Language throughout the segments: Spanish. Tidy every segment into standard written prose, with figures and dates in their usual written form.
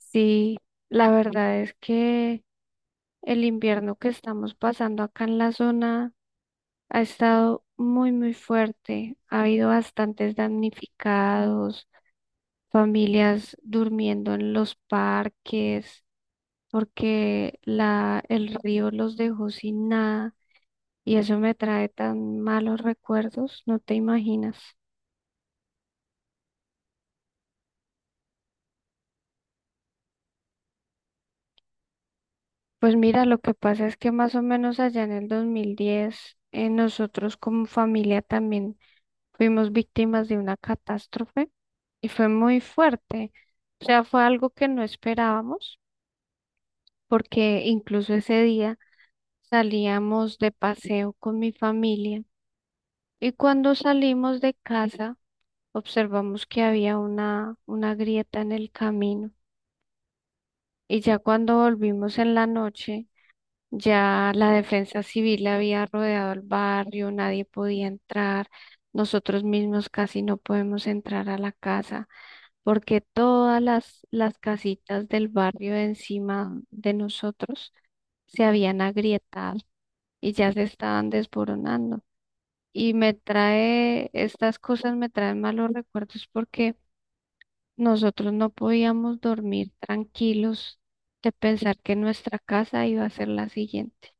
Sí, la verdad es que el invierno que estamos pasando acá en la zona ha estado muy, muy fuerte. Ha habido bastantes damnificados, familias durmiendo en los parques porque el río los dejó sin nada y eso me trae tan malos recuerdos, no te imaginas. Pues mira, lo que pasa es que más o menos allá en el 2010, nosotros como familia también fuimos víctimas de una catástrofe y fue muy fuerte. O sea, fue algo que no esperábamos porque incluso ese día salíamos de paseo con mi familia y cuando salimos de casa observamos que había una grieta en el camino y ya cuando volvimos en la noche, ya la defensa civil había rodeado el barrio, nadie podía entrar, nosotros mismos casi no podemos entrar a la casa, porque todas las casitas del barrio encima de nosotros se habían agrietado y ya se estaban desboronando. Y me trae, estas cosas me traen malos recuerdos porque nosotros no podíamos dormir tranquilos de pensar que nuestra casa iba a ser la siguiente.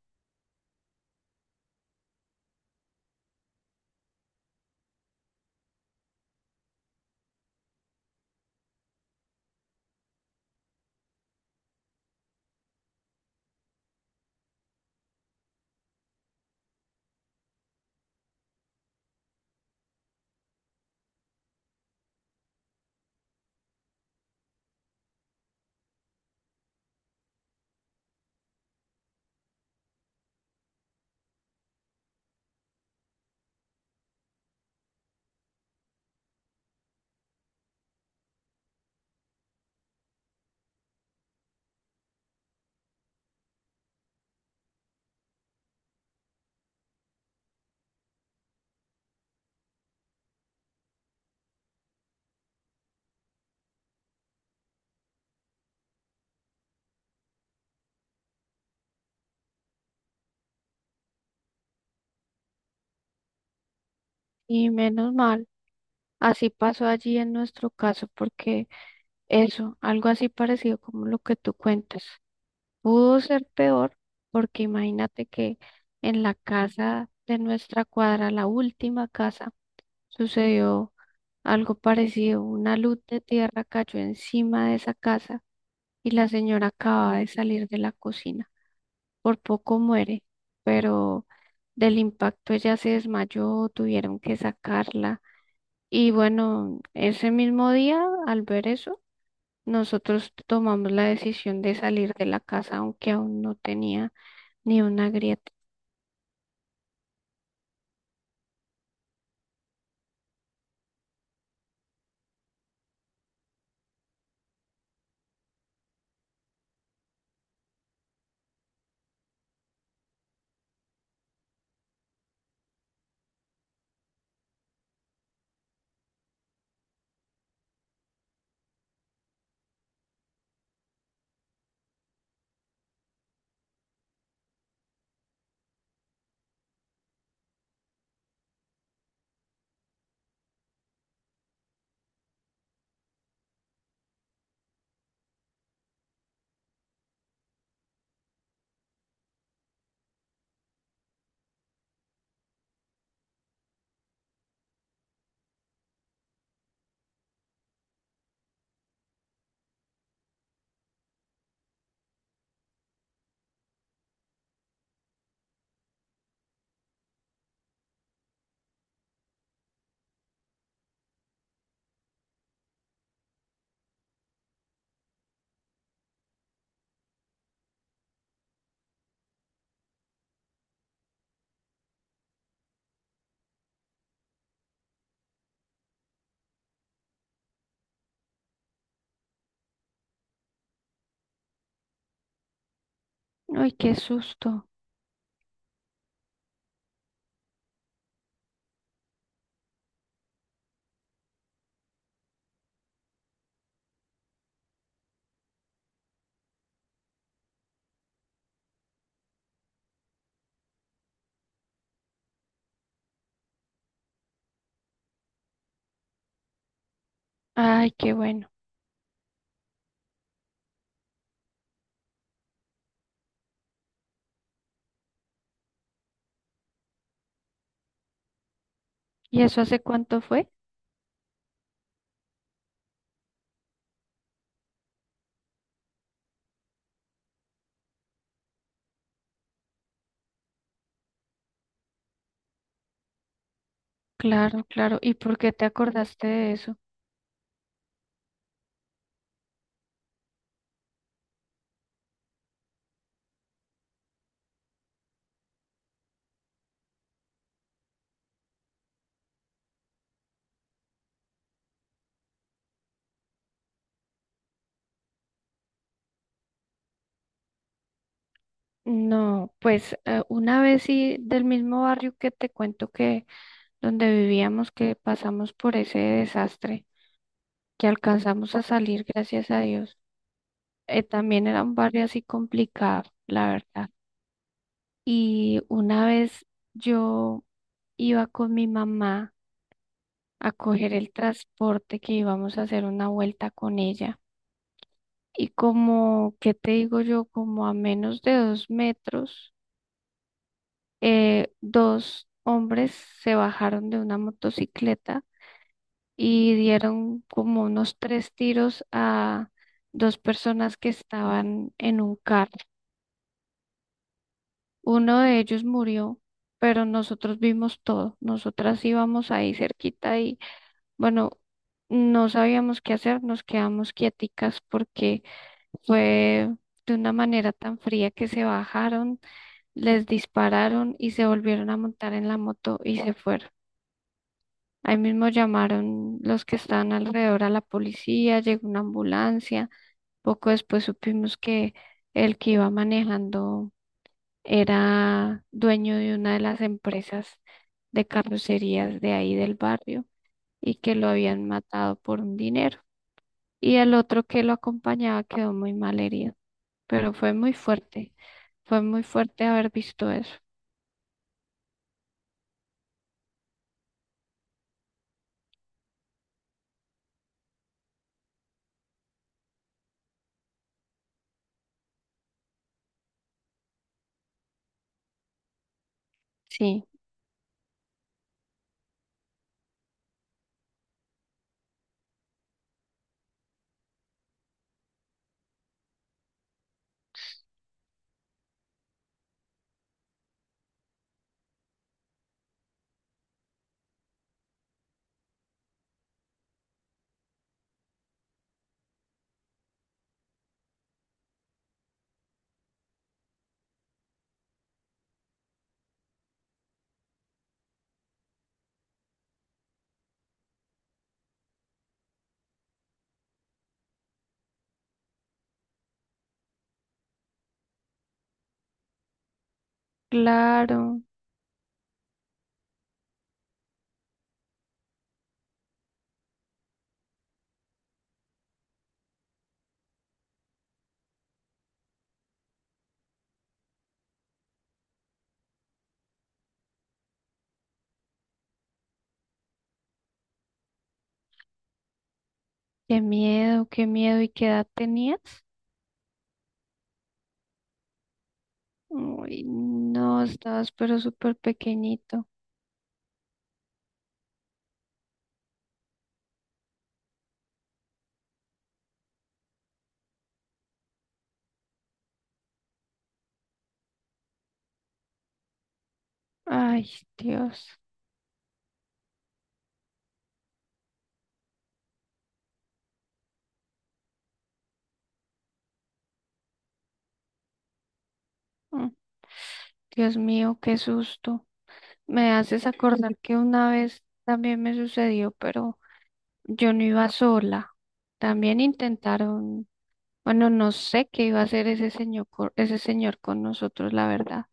Y menos mal, así pasó allí en nuestro caso, porque eso, algo así parecido como lo que tú cuentas. Pudo ser peor porque imagínate que en la casa de nuestra cuadra, la última casa, sucedió algo parecido. Una luz de tierra cayó encima de esa casa y la señora acababa de salir de la cocina. Por poco muere, pero del impacto ella se desmayó, tuvieron que sacarla. Y bueno, ese mismo día, al ver eso, nosotros tomamos la decisión de salir de la casa, aunque aún no tenía ni una grieta. Ay, qué susto. Ay, qué bueno. ¿Y eso hace cuánto fue? Claro, claro. ¿Y por qué te acordaste de eso? No, pues una vez sí, del mismo barrio que te cuento, que donde vivíamos, que pasamos por ese desastre, que alcanzamos a salir, gracias a Dios. También era un barrio así complicado, la verdad. Y una vez yo iba con mi mamá a coger el transporte, que íbamos a hacer una vuelta con ella. Y como, ¿qué te digo yo? Como a menos de dos metros, dos hombres se bajaron de una motocicleta y dieron como unos tres tiros a dos personas que estaban en un carro. Uno de ellos murió, pero nosotros vimos todo. Nosotras íbamos ahí cerquita y bueno, no sabíamos qué hacer, nos quedamos quieticas porque fue de una manera tan fría que se bajaron, les dispararon y se volvieron a montar en la moto y se fueron. Ahí mismo llamaron los que estaban alrededor a la policía, llegó una ambulancia. Poco después supimos que el que iba manejando era dueño de una de las empresas de carrocerías de ahí del barrio y que lo habían matado por un dinero. Y el otro que lo acompañaba quedó muy mal herido, pero fue muy fuerte. Fue muy fuerte haber visto eso. Sí, claro. Qué miedo, qué miedo. ¿Y qué edad tenías? Uy, no, estabas pero súper pequeñito. Ay, Dios. Mm, Dios mío, qué susto. Me haces acordar que una vez también me sucedió, pero yo no iba sola. También intentaron, bueno, no sé qué iba a hacer ese señor, ese señor con nosotros, la verdad.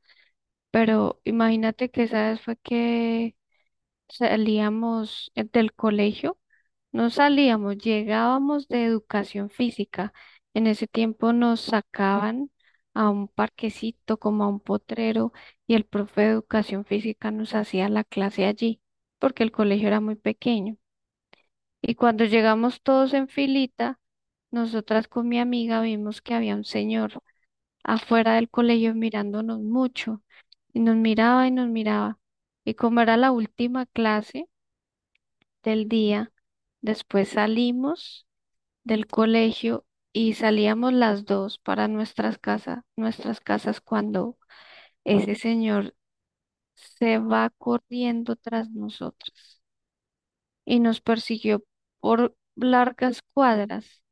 Pero imagínate que esa vez fue que salíamos del colegio, no salíamos, llegábamos de educación física. En ese tiempo nos sacaban a un parquecito, como a un potrero, y el profe de educación física nos hacía la clase allí, porque el colegio era muy pequeño. Y cuando llegamos todos en filita, nosotras con mi amiga vimos que había un señor afuera del colegio mirándonos mucho. Y nos miraba y nos miraba. Y como era la última clase del día, después salimos del colegio y salíamos las dos para nuestras casas, nuestras casas, cuando ese señor se va corriendo tras nosotros y nos persiguió por largas cuadras.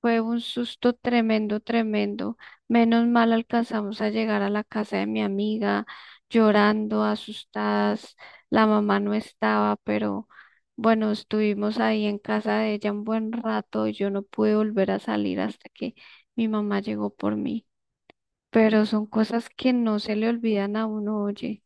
Fue un susto tremendo, tremendo. Menos mal alcanzamos a llegar a la casa de mi amiga, llorando, asustadas. La mamá no estaba, pero bueno, estuvimos ahí en casa de ella un buen rato, y yo no pude volver a salir hasta que mi mamá llegó por mí. Pero son cosas que no se le olvidan a uno, oye.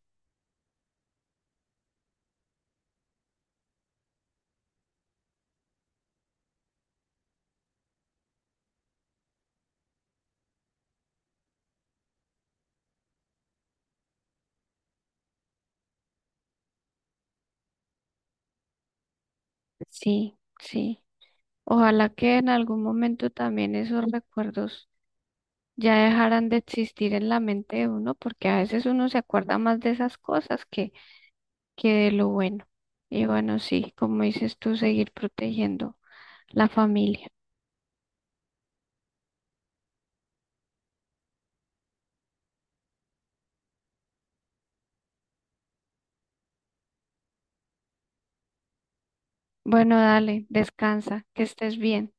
Sí, sí. Ojalá que en algún momento también esos recuerdos ya dejaran de existir en la mente de uno, porque a veces uno se acuerda más de esas cosas que de lo bueno. Y bueno, sí, como dices tú, seguir protegiendo la familia. Bueno, dale, descansa, que estés bien.